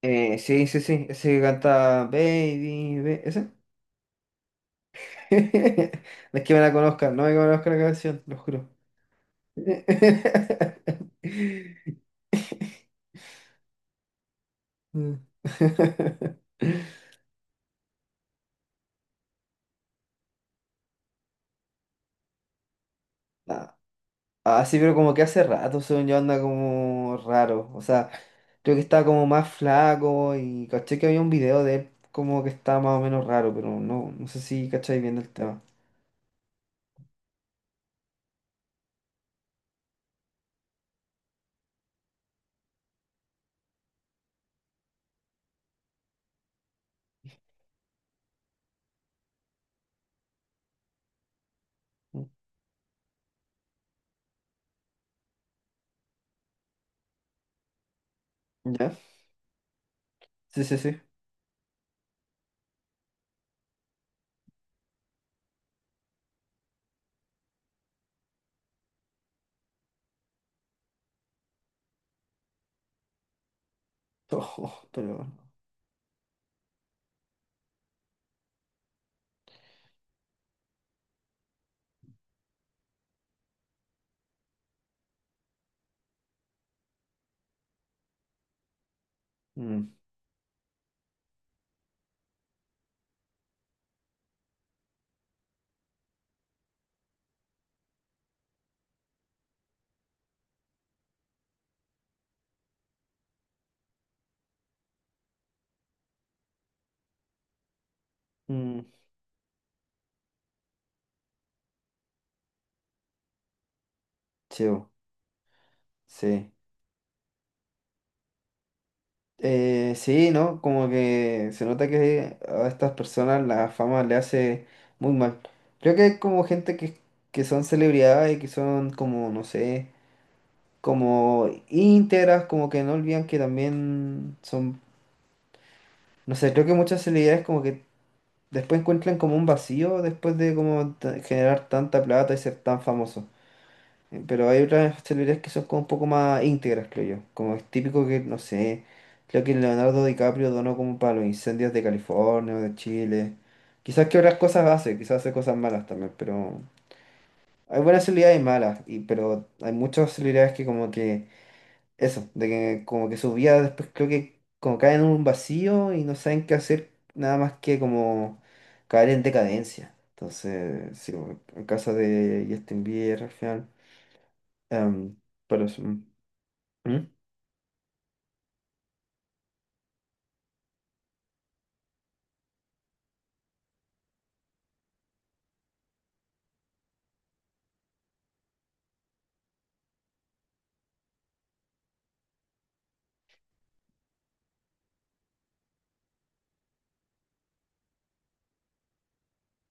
Sí, sí, sí, ese que canta Baby, ese. No es que me la conozcan, no me conozco la canción, lo juro. Mm. Ah, ah, sí, pero como que hace rato, según yo, anda como raro. O sea, creo que estaba como más flaco y caché que había un video de él como que estaba más o menos raro, pero no sé si cacháis bien el tema. Mm. ¿Ya? Sí, sí, sí. Ojo, pero... bueno. Mm. Mm. Chivo, sí. Sí, ¿no? Como que se nota que a estas personas la fama le hace muy mal. Creo que hay como gente que son celebridades y que son como, no sé, como íntegras, como que no olvidan que también son, no sé, creo que muchas celebridades como que después encuentran como un vacío después de como generar tanta plata y ser tan famoso. Pero hay otras celebridades que son como un poco más íntegras, creo yo. Como es típico que, no sé, creo que Leonardo DiCaprio donó como para los incendios de California o de Chile. Quizás que otras cosas hace, quizás hace cosas malas también, pero hay buenas celebridades y malas, y, pero hay muchas celebridades que como que, eso, de que como que su vida después creo que como caen en un vacío y no saben qué hacer nada más que como caer en decadencia. Entonces, sí, en caso de Justin Bieber, al final. Em, pero eso. Mm. Mm.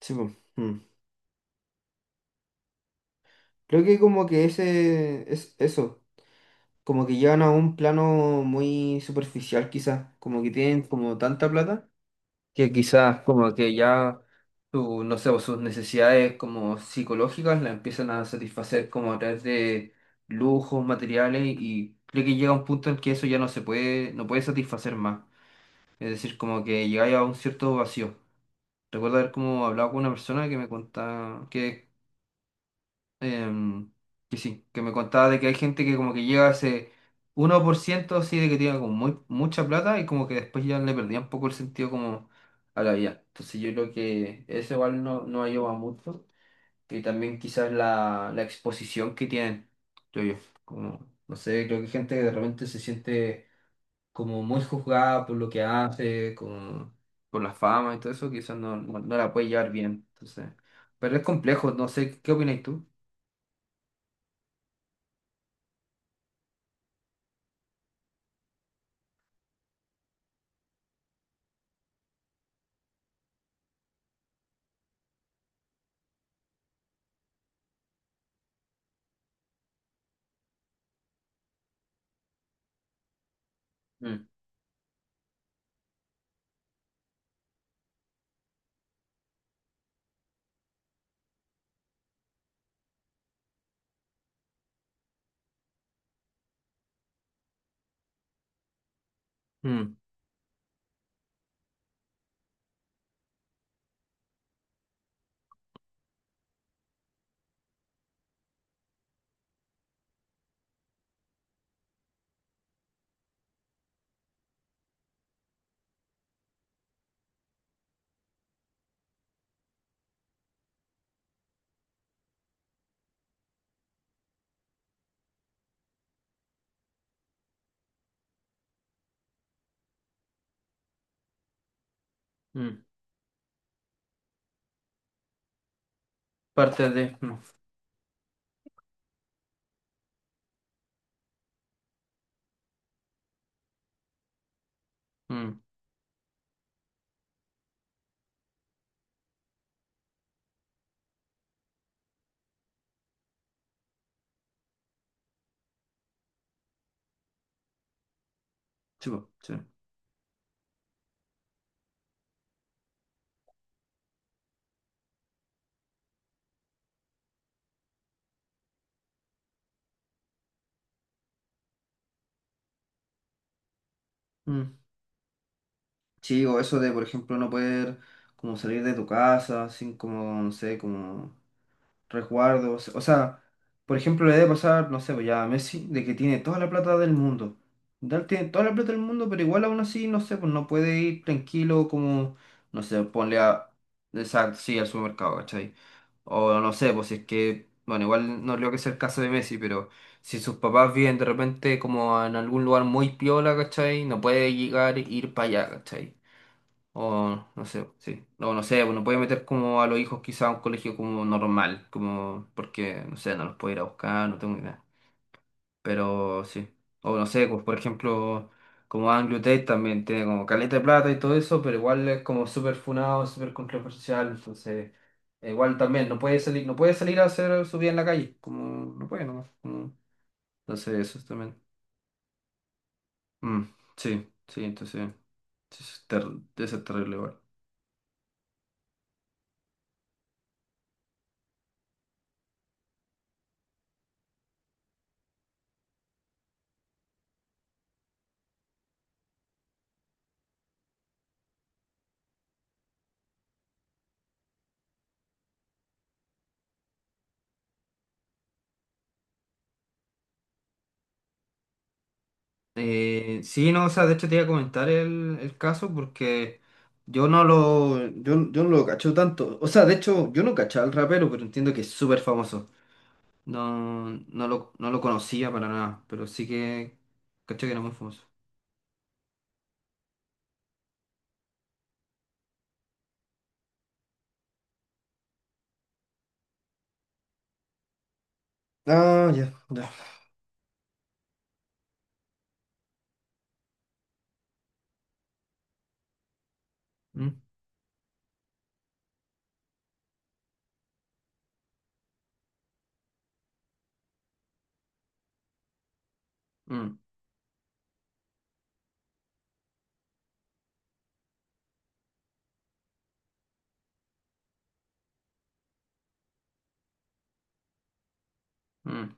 Sí, po, mm. Creo que como que ese es eso, como que llevan a un plano muy superficial quizás, como que tienen como tanta plata que quizás como que ya no sé, o sus necesidades como psicológicas las empiezan a satisfacer como a través de lujos, materiales y creo que llega un punto en que eso ya no se puede, no puede satisfacer más. Es decir, como que llegáis a un cierto vacío. Recuerdo haber como hablado con una persona que me contaba que em, que sí, que me contaba de que hay gente que como que llega a ese 1% así de que tiene como muy, mucha plata y como que después ya le perdía un poco el sentido como a la vida. Entonces yo creo que eso igual no ayuda mucho y también quizás la exposición que tienen, yo, yo, como, no sé, creo que hay gente que de repente se siente como muy juzgada por lo que hace, como por la fama y todo eso, quizás no la puede llevar bien. Entonces, pero es complejo, no sé, ¿qué opinas tú? Mm. Mm. Mm, parte de... No. Mm, sí, po, sí. Mm. Sí, o eso de, por ejemplo, no poder como salir de tu casa sin como, no sé, como resguardos. O sea, por ejemplo, le debe pasar, no sé, pues ya a Messi, de que tiene toda la plata del mundo. Dal tiene toda la plata del mundo, pero igual aún así, no sé, pues no puede ir tranquilo como, no sé, ponle a... Exacto, sí, al supermercado, ¿cachai? O no sé, pues si es que, bueno, igual no creo que sea el caso de Messi, pero si sus papás viven de repente como en algún lugar muy piola, ¿cachai? No puede llegar e ir para allá, ¿cachai? O no sé, sí. No sé, bueno puede meter como a los hijos quizá a un colegio como normal, como porque, no sé, no los puedo ir a buscar, no tengo idea. Pero sí. O no sé, pues, por ejemplo, como Anglo Tate también tiene como caleta de plata y todo eso, pero igual es como súper funado, súper controversial, entonces igual también no puede salir, no puede salir a hacer su vida en la calle, como no puede nomás. Entonces eso también. Mm, sí, sí, entonces sí, eso es ter- debe ser terrible igual. Sí, no, o sea, de hecho te iba a comentar el caso porque yo no lo cacho tanto. O sea, de hecho, yo no cachaba al rapero, pero entiendo que es súper famoso. No lo conocía para nada, pero sí que caché que era muy famoso. Ah, ya, ya. Mm, mm, mm,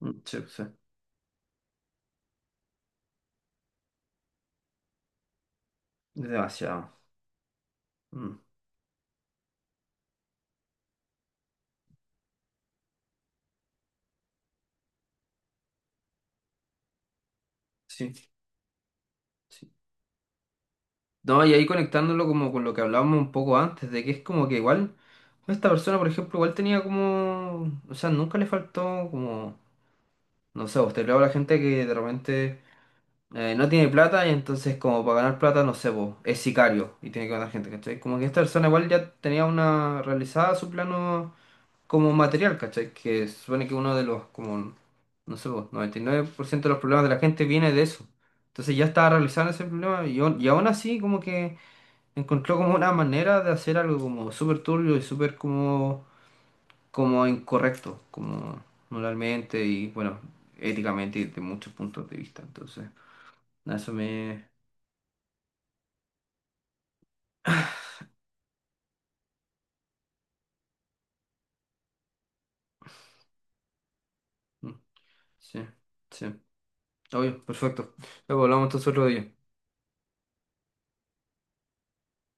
mm, sí, sí, demasiado. Mm, sí, sí. No, y ahí conectándolo como con lo que hablábamos un poco antes, de que es como que igual, esta persona, por ejemplo, igual tenía como, o sea, nunca le faltó como, no sé, usted le habla a la gente que de repente no tiene plata y entonces como para ganar plata, no sé, vos, es sicario y tiene que ganar gente, ¿cachai? Como que esta persona igual ya tenía una realizada su plano como material, ¿cachai? Que supone que uno de los, como, no sé, vos, 99% de los problemas de la gente viene de eso. Entonces ya estaba realizando ese problema y aún así como que encontró como una manera de hacer algo como súper turbio y súper como, como incorrecto, como moralmente y bueno, éticamente y de muchos puntos de vista. Entonces, nada, eso me... mm, sí, sí. Obvio, perfecto. Luego hablamos entonces otro día.